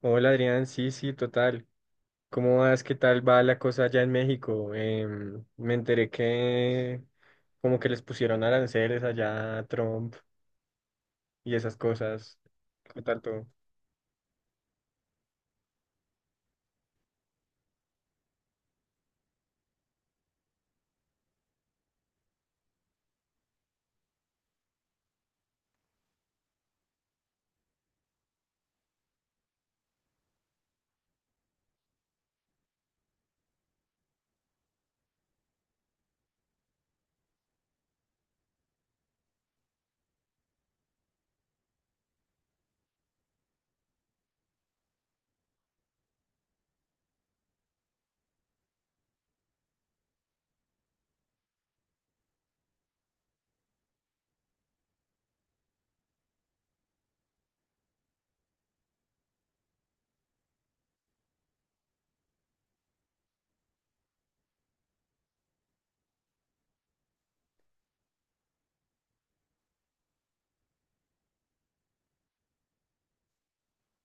Hola Adrián, sí, sí, total. ¿Cómo vas? ¿Qué tal va la cosa allá en México? Me enteré que como que les pusieron aranceles allá a Trump y esas cosas. ¿Qué tal todo?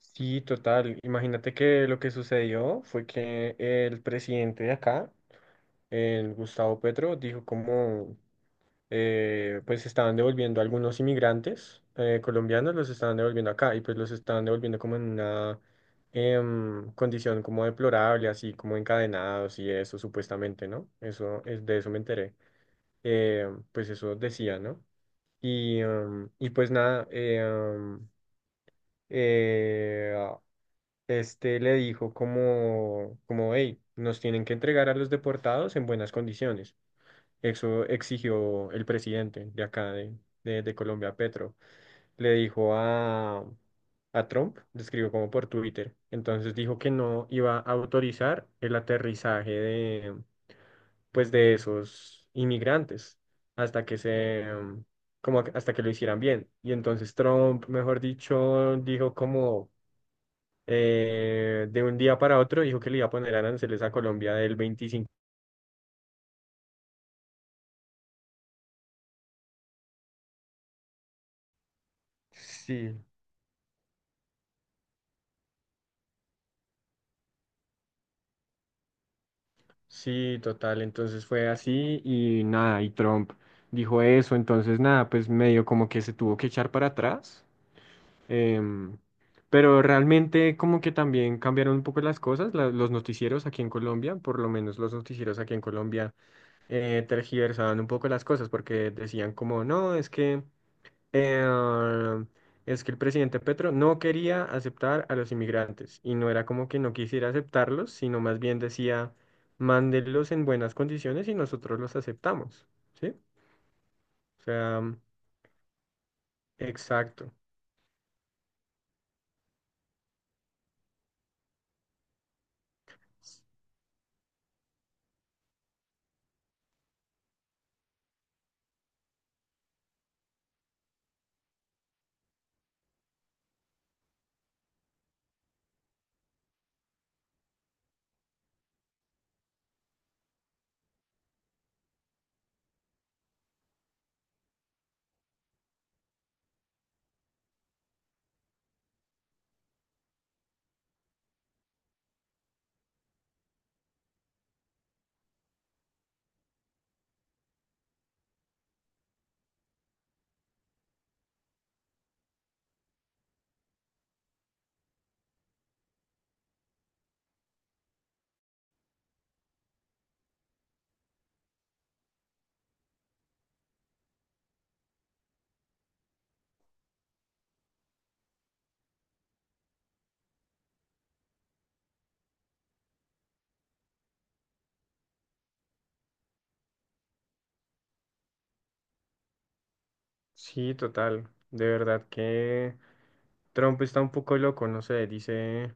Sí, total. Imagínate que lo que sucedió fue que el presidente de acá, el Gustavo Petro, dijo como pues estaban devolviendo a algunos inmigrantes colombianos, los estaban devolviendo acá y pues los estaban devolviendo como en una condición como deplorable, así como encadenados y eso supuestamente, ¿no? Eso es de eso me enteré. Pues eso decía, ¿no? Y pues nada, eh, ah, este le dijo como, hey, nos tienen que entregar a los deportados en buenas condiciones. Eso exigió el presidente de acá de Colombia, Petro. Le dijo a Trump, le escribió como por Twitter. Entonces dijo que no iba a autorizar el aterrizaje pues, de esos inmigrantes hasta que se, em, como que- hasta que lo hicieran bien. Y entonces Trump, mejor dicho, dijo como de un día para otro, dijo que le iba a poner aranceles a Colombia del 25. Sí. Sí, total, entonces fue así y nada, y Trump dijo eso, entonces nada, pues medio como que se tuvo que echar para atrás. em, pero realmente como que también cambiaron un poco las cosas, los noticieros aquí en Colombia, por lo menos los noticieros aquí en Colombia tergiversaban un poco las cosas porque decían como, no, es que. Eh, es que el presidente Petro no quería aceptar a los inmigrantes y no era como que no quisiera aceptarlos, sino más bien decía, mándenlos en buenas condiciones y nosotros los aceptamos, ¿sí? O sea, mm, exacto. Sí, total. De verdad que Trump está un poco loco, no sé, dice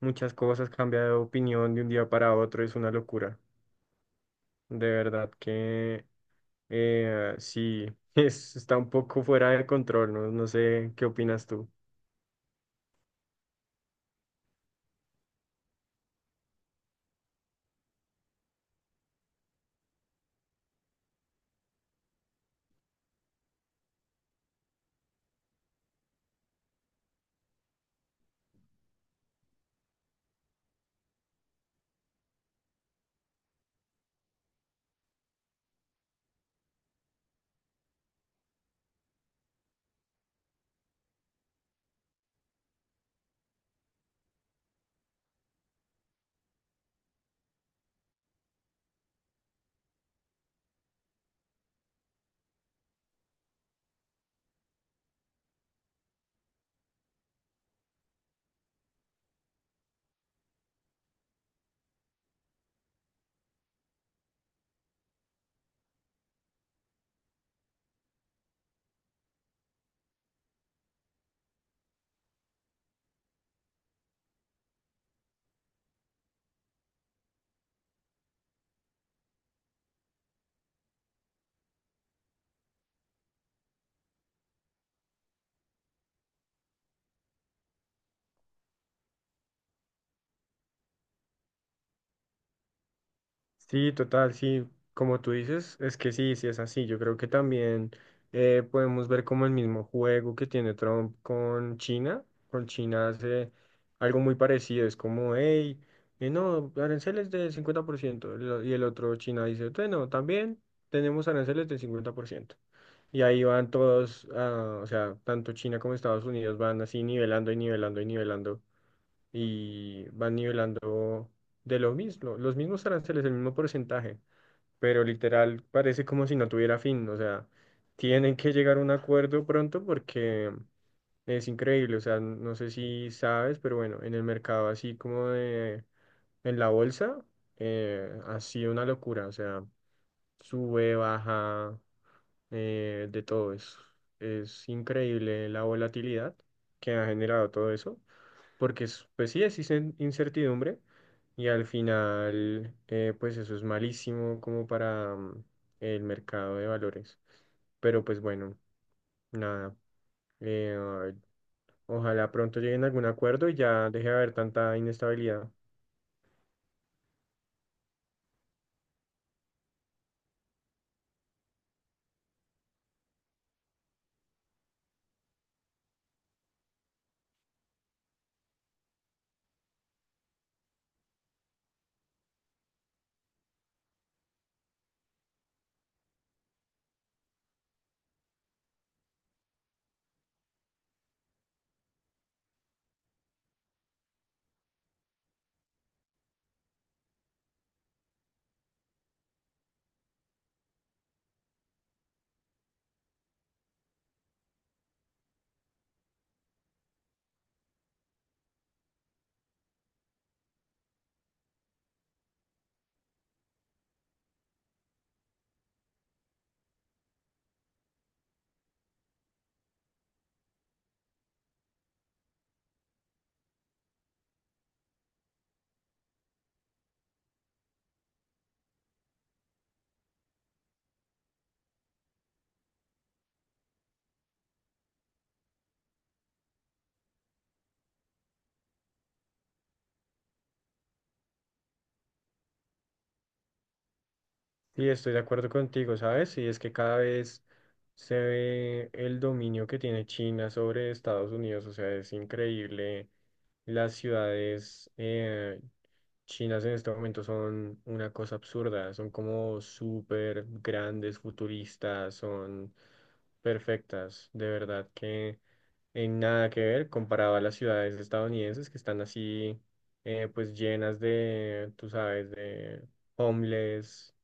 muchas cosas, cambia de opinión de un día para otro, es una locura. De verdad que. Sí, está un poco fuera de control, ¿no? No sé qué opinas tú. Sí, total, sí, como tú dices, es que sí, sí es así. Yo creo que también podemos ver como el mismo juego que tiene Trump con China. Con China hace algo muy parecido, es como, hey, no, aranceles del 50%. Y el otro China dice, bueno, también tenemos aranceles del 50%. Y ahí van todos, ah, o sea, tanto China como Estados Unidos van así nivelando y nivelando y nivelando y van nivelando de lo mismo, los mismos aranceles, el mismo porcentaje, pero literal parece como si no tuviera fin. O sea, tienen que llegar a un acuerdo pronto porque es increíble. O sea, no sé si sabes, pero bueno, en el mercado así como en la bolsa, ha sido una locura. O sea, sube, baja, de todo eso. Es increíble la volatilidad que ha generado todo eso, porque pues sí es incertidumbre, y al final pues eso es malísimo como para el mercado de valores. Pero pues bueno, nada. eh, ojalá pronto lleguen a algún acuerdo y ya deje de haber tanta inestabilidad. Sí, estoy de acuerdo contigo, ¿sabes? Y es que cada vez se ve el dominio que tiene China sobre Estados Unidos. O sea, es increíble. Las ciudades chinas en este momento son una cosa absurda, son como súper grandes, futuristas, son perfectas, de verdad que en nada que ver comparado a las ciudades estadounidenses que están así, pues llenas de, tú sabes, de homeless,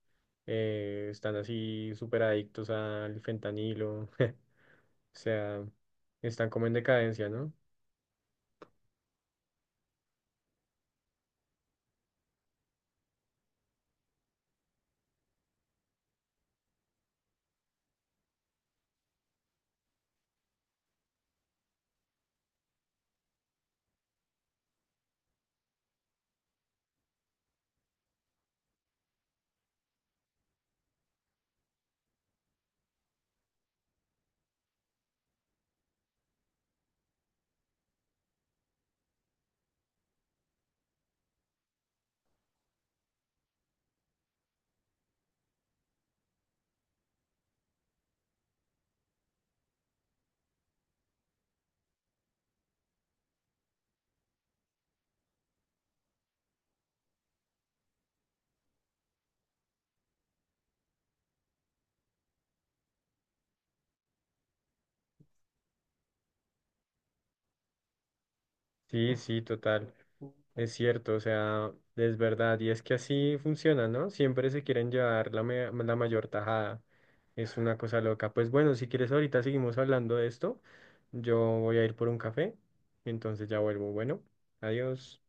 están así súper adictos al fentanilo, o sea, están como en decadencia, ¿no? Sí, sí, total, es cierto, o sea, es verdad, y es que así funciona, ¿no? Siempre se quieren llevar la mayor tajada, es una cosa loca. Pues bueno, si quieres ahorita seguimos hablando de esto, yo voy a ir por un café, entonces ya vuelvo, bueno, adiós.